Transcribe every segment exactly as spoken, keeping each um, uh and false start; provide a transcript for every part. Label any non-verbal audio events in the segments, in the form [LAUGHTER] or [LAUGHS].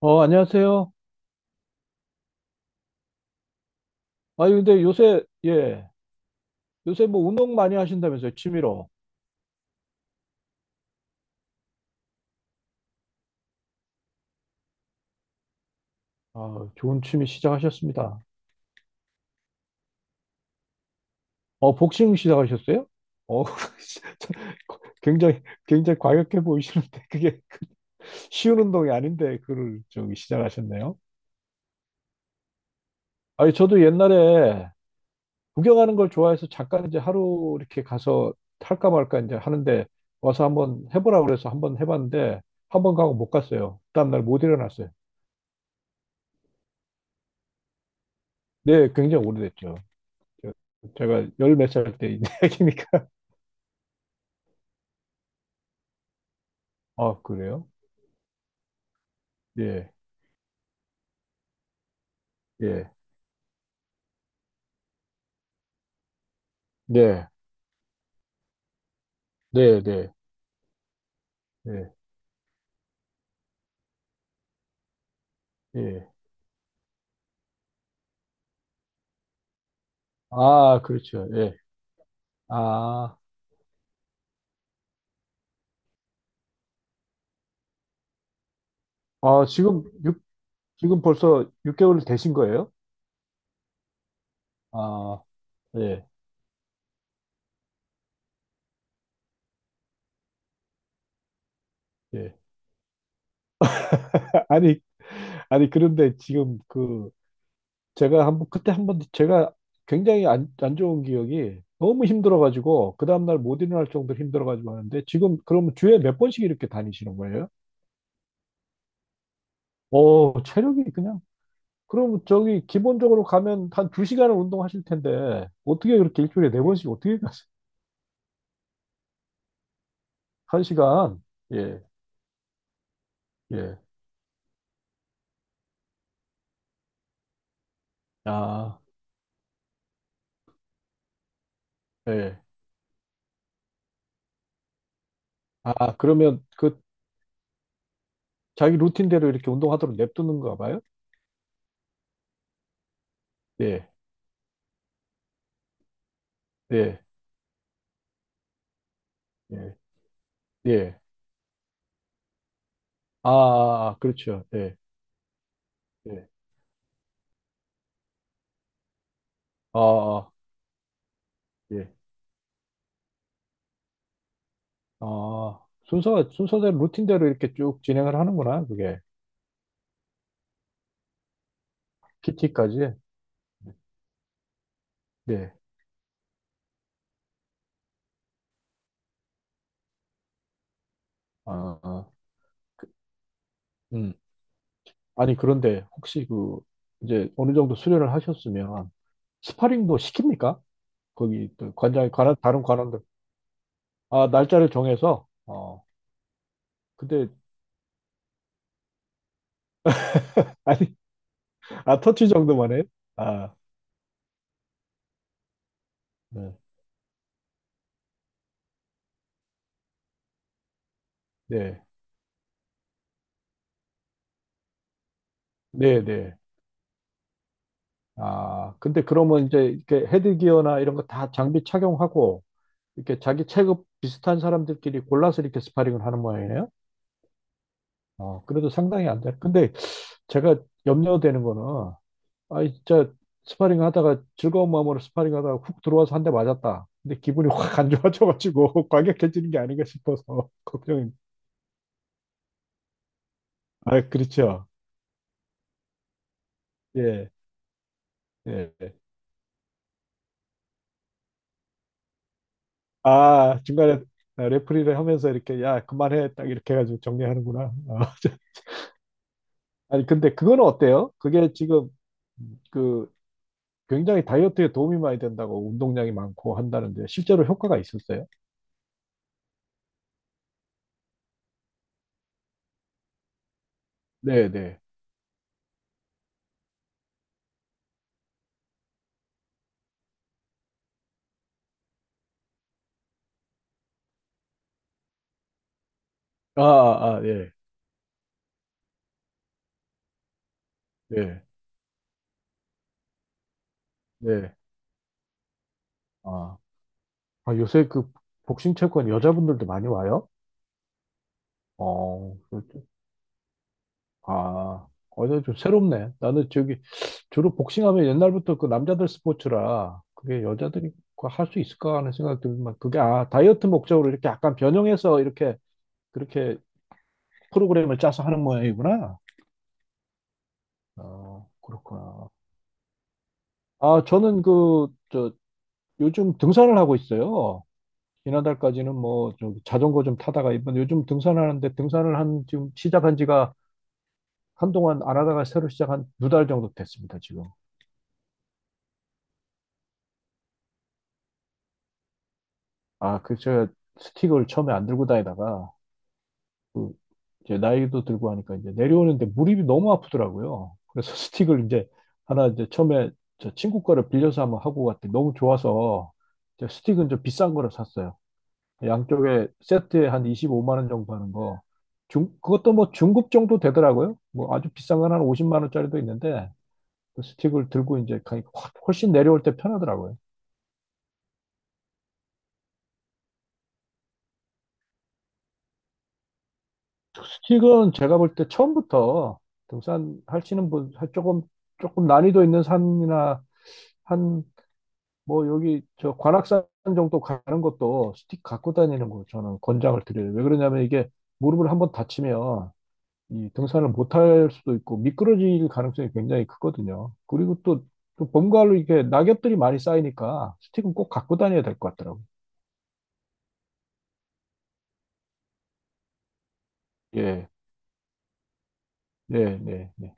어, 안녕하세요. 아, 근데 요새, 예, 요새 뭐 운동 많이 하신다면서요, 취미로. 아, 좋은 취미 시작하셨습니다. 어, 복싱 시작하셨어요? 어, [LAUGHS] 굉장히, 굉장히 과격해 보이시는데, 그게 [LAUGHS] 쉬운 운동이 아닌데, 그걸 저기 시작하셨네요. 아니, 저도 옛날에 구경하는 걸 좋아해서 잠깐 이제 하루 이렇게 가서 할까 말까 이제 하는데, 와서 한번 해보라 그래서 한번 해봤는데, 한번 가고 못 갔어요. 다음날 못 일어났어요. 네, 굉장히 오래됐죠. 저- 제가 열 몇 살 때 이야기니까. [LAUGHS] 아, 그래요? 예, 예, 네, 네, 네, 네, 예. 아, 그렇죠. 예. 아, 아, 지금 육 지금 벌써 육 개월 되신 거예요? 아, 예, 예. [LAUGHS] 아, 아니, 아니, 그런데 지금 그, 제가 한번, 그때 한번 제가 굉장히 안, 안 좋은 기억이 너무 힘들어가지고, 그 다음날 못 일어날 정도로 힘들어가지고 하는데, 지금 그러면 주에 몇 번씩 이렇게 다니시는 거예요? 오, 체력이 그냥 그럼 저기 기본적으로 가면 한 두시간을 운동하실 텐데 어떻게 그렇게 일주일에 네 번씩 어떻게 가세요? 한시간 예, 예. 아, 예. 아, 그러면 그 자기 루틴대로 이렇게 운동하도록 냅두는가 봐요? 예, 예, 예, 예. 아, 아, 아, 그렇죠. 예, 예. 아, 아, 예. 아, 순서, 순서대로 루틴대로 이렇게 쭉 진행을 하는구나, 그게. 키티까지 예. 아, 아. 그, 음. 아니, 그런데 혹시 그, 이제 어느 정도 수련을 하셨으면 스파링도 시킵니까? 거기 또 관장이 관한, 다른 관원들. 아, 날짜를 정해서, 어, 근데, 아니, [LAUGHS] 아, 터치 정도만 해요? 아, 네, 네, 네, 네. 아, 근데 그러면 이제 이렇게 헤드기어나 이런 거 다 장비 착용하고, 이렇게 자기 체급 비슷한 사람들끼리 골라서 이렇게 스파링을 하는 모양이네요? 어, 그래도 상당히 안 돼. 근데 제가 염려되는 거는 아, 진짜 스파링 하다가 즐거운 마음으로 스파링 하다가 훅 들어와서 한 대 맞았다. 근데 기분이 확 안 좋아져가지고 [LAUGHS] 과격해지는 게 아닌가 싶어서 [LAUGHS] 걱정이. 아, 그렇죠. 예, 예. 아, 중간에 레프리를 하면서 이렇게 야, 그만해. 딱 이렇게 해가지고 정리하는구나. 아, [LAUGHS] 아니, 근데 그거는 어때요? 그게 지금 그 굉장히 다이어트에 도움이 많이 된다고 운동량이 많고 한다는데 실제로 효과가 있었어요? 네, 네. 아, 아, 아, 예, 예, 예. 아. 아, 요새 그 복싱 체육관 여자분들도 많이 와요? 어, 그렇죠. 아, 어제 좀 새롭네. 나는 저기 주로 복싱하면 옛날부터 그 남자들 스포츠라 그게 여자들이 그 할수 있을까 하는 생각이 들지만 그게 아, 다이어트 목적으로 이렇게 약간 변형해서 이렇게 그렇게 프로그램을 짜서 하는 모양이구나. 어, 그렇구나. 아, 저는 그, 저, 요즘 등산을 하고 있어요. 지난달까지는 뭐, 저 자전거 좀 타다가 이번 요즘 등산하는데 등산을 한, 지금 시작한 지가 한동안 안 하다가 새로 시작한 두 달 정도 됐습니다, 지금. 아, 그, 제가 스틱을 처음에 안 들고 다니다가, 그, 이제 나이도 들고 하니까 이제 내려오는데 무릎이 너무 아프더라고요. 그래서 [LAUGHS] 스틱을 이제 하나 이제 처음에 저 친구 거를 빌려서 한번 하고 갔더니 너무 좋아서 이제 스틱은 좀 비싼 거를 샀어요. 양쪽에 세트에 한 이십오만 원 정도 하는 거. 중, 그것도 뭐 중급 정도 되더라고요. 뭐 아주 비싼 건 한 오십만 원짜리도 있는데 그 스틱을 들고 이제 가니까 확- 훨씬 내려올 때 편하더라고요. 스틱은 제가 볼 때 처음부터 등산하시는 분, 하- 조금, 조금 난이도 있는 산이나 한, 뭐 여기 저 관악산 정도 가는 것도 스틱 갖고 다니는 거 저는 권장을 드려요. 왜 그러냐면 이게 무릎을 한번 다치면 이 등산을 못 할 수도 있고 미끄러질 가능성이 굉장히 크거든요. 그리고 또, 또 봄가을로 이게 렇 낙엽들이 많이 쌓이니까 스틱은 꼭 갖고 다녀야 될 것 같더라고요. 예, 예, 네, 네,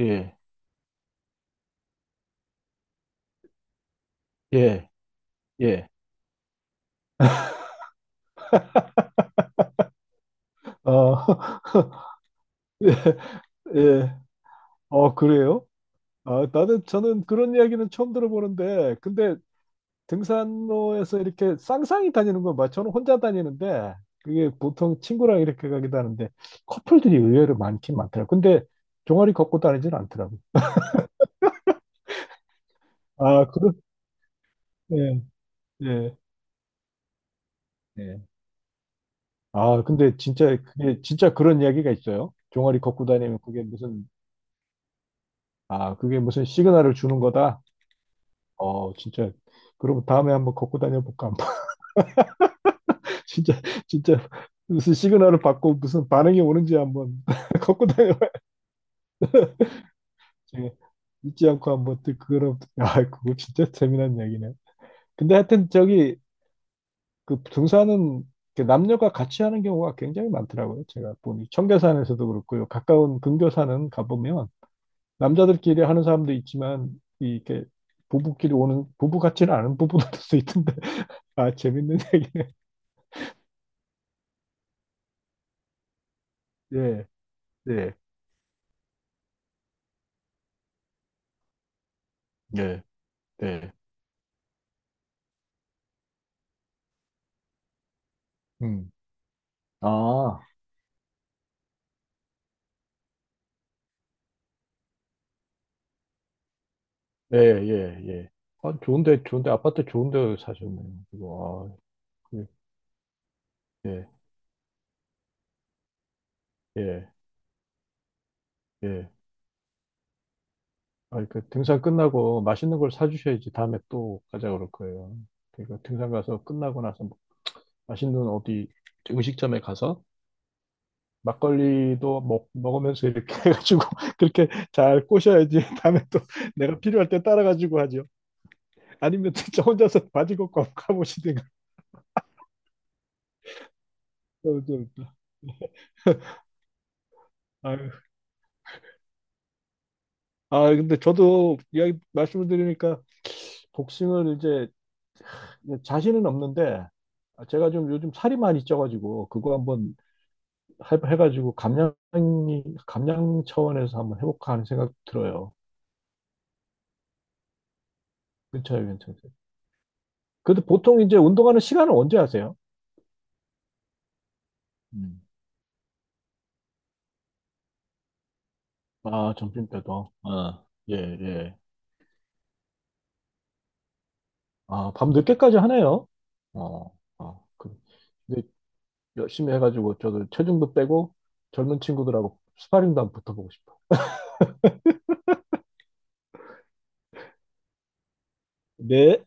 예, 예, 예. 어, [LAUGHS] 예. 어, 그래요? 아, 나는 저는 그런 이야기는 처음 들어보는데, 근데 등산로에서 이렇게 쌍쌍이 다니는 건 맞죠? 저는 혼자 다니는데, 그게 보통 친구랑 이렇게 가기도 하는데, 커플들이 의외로 많긴 많더라고요. 근데 종아리 걷고 다니진 않더라고요. 아, 그렇, 예, 예, 예. 아, 근데 진짜, 그게, 진짜 그런 이야기가 있어요. 종아리 걷고 다니면 그게 무슨, 아, 그게 무슨 시그널을 주는 거다? 어, 진짜. 그럼 다음에 한번 걷고 다녀볼까? 진짜 진짜 무슨 시그널을 받고 무슨 반응이 오는지 한번 [LAUGHS] 걷고 다녀봐야지. 잊지 않고 한번 또 그거는 아 그거 진짜 재미난 얘기네 근데 하여튼 저기 그 등산은 이렇게 남녀가 같이 하는 경우가 굉장히 많더라고요. 제가 보니 청계산에서도 그렇고요. 가까운 근교산은 가보면 남자들끼리 하는 사람도 있지만 이- 이렇게 부부끼리 오는 부부 같지는 않은 부부들도 [LAUGHS] 있던데 아 재밌는 얘기네. 예, 예, 예, 예. 음. 아. 네, 예, 예. 아, 좋은데, 좋은데, 아파트 좋은데 사셨네요. 이거, 아, 그, 예, 예, 예. 아, 그 등산 끝나고 맛있는 걸 사주셔야지 다음에 또 가자 그럴 거예요. 그러니까 등산 가서 끝나고 나서 맛있는 어디 음식점에 가서 막걸리도 먹, 먹으면서 이렇게 [LAUGHS] 해가지고 그렇게 잘 꼬셔야지 [LAUGHS] 다음에 또 내가 필요할 때 따라가지고 하죠. 아니면 진짜 혼자서 바지 걷고 한번 가보시든가. [LAUGHS] 어, 저- 아유, 아, 근데 저도 이야기 말씀을 드리니까 복싱을 이제 자신은 없는데 제가 좀 요즘 살이 많이 쪄가지고 그거 한번 해- 해가지고 감량이 감량 차원에서 한번 해볼까 하는 생각 들어요. 괜찮아요, 괜찮아요. 그래도 보통 이제 운동하는 시간은 언제 하세요? 음. 아, 점심 때도. 아, 예, 예. 아, 밤 늦게까지 하네요. 어, 어, 그, 근데 열심히 해가지고 저도 체중도 빼고 젊은 친구들하고 스파링도 한번 붙어보고 싶어. 네.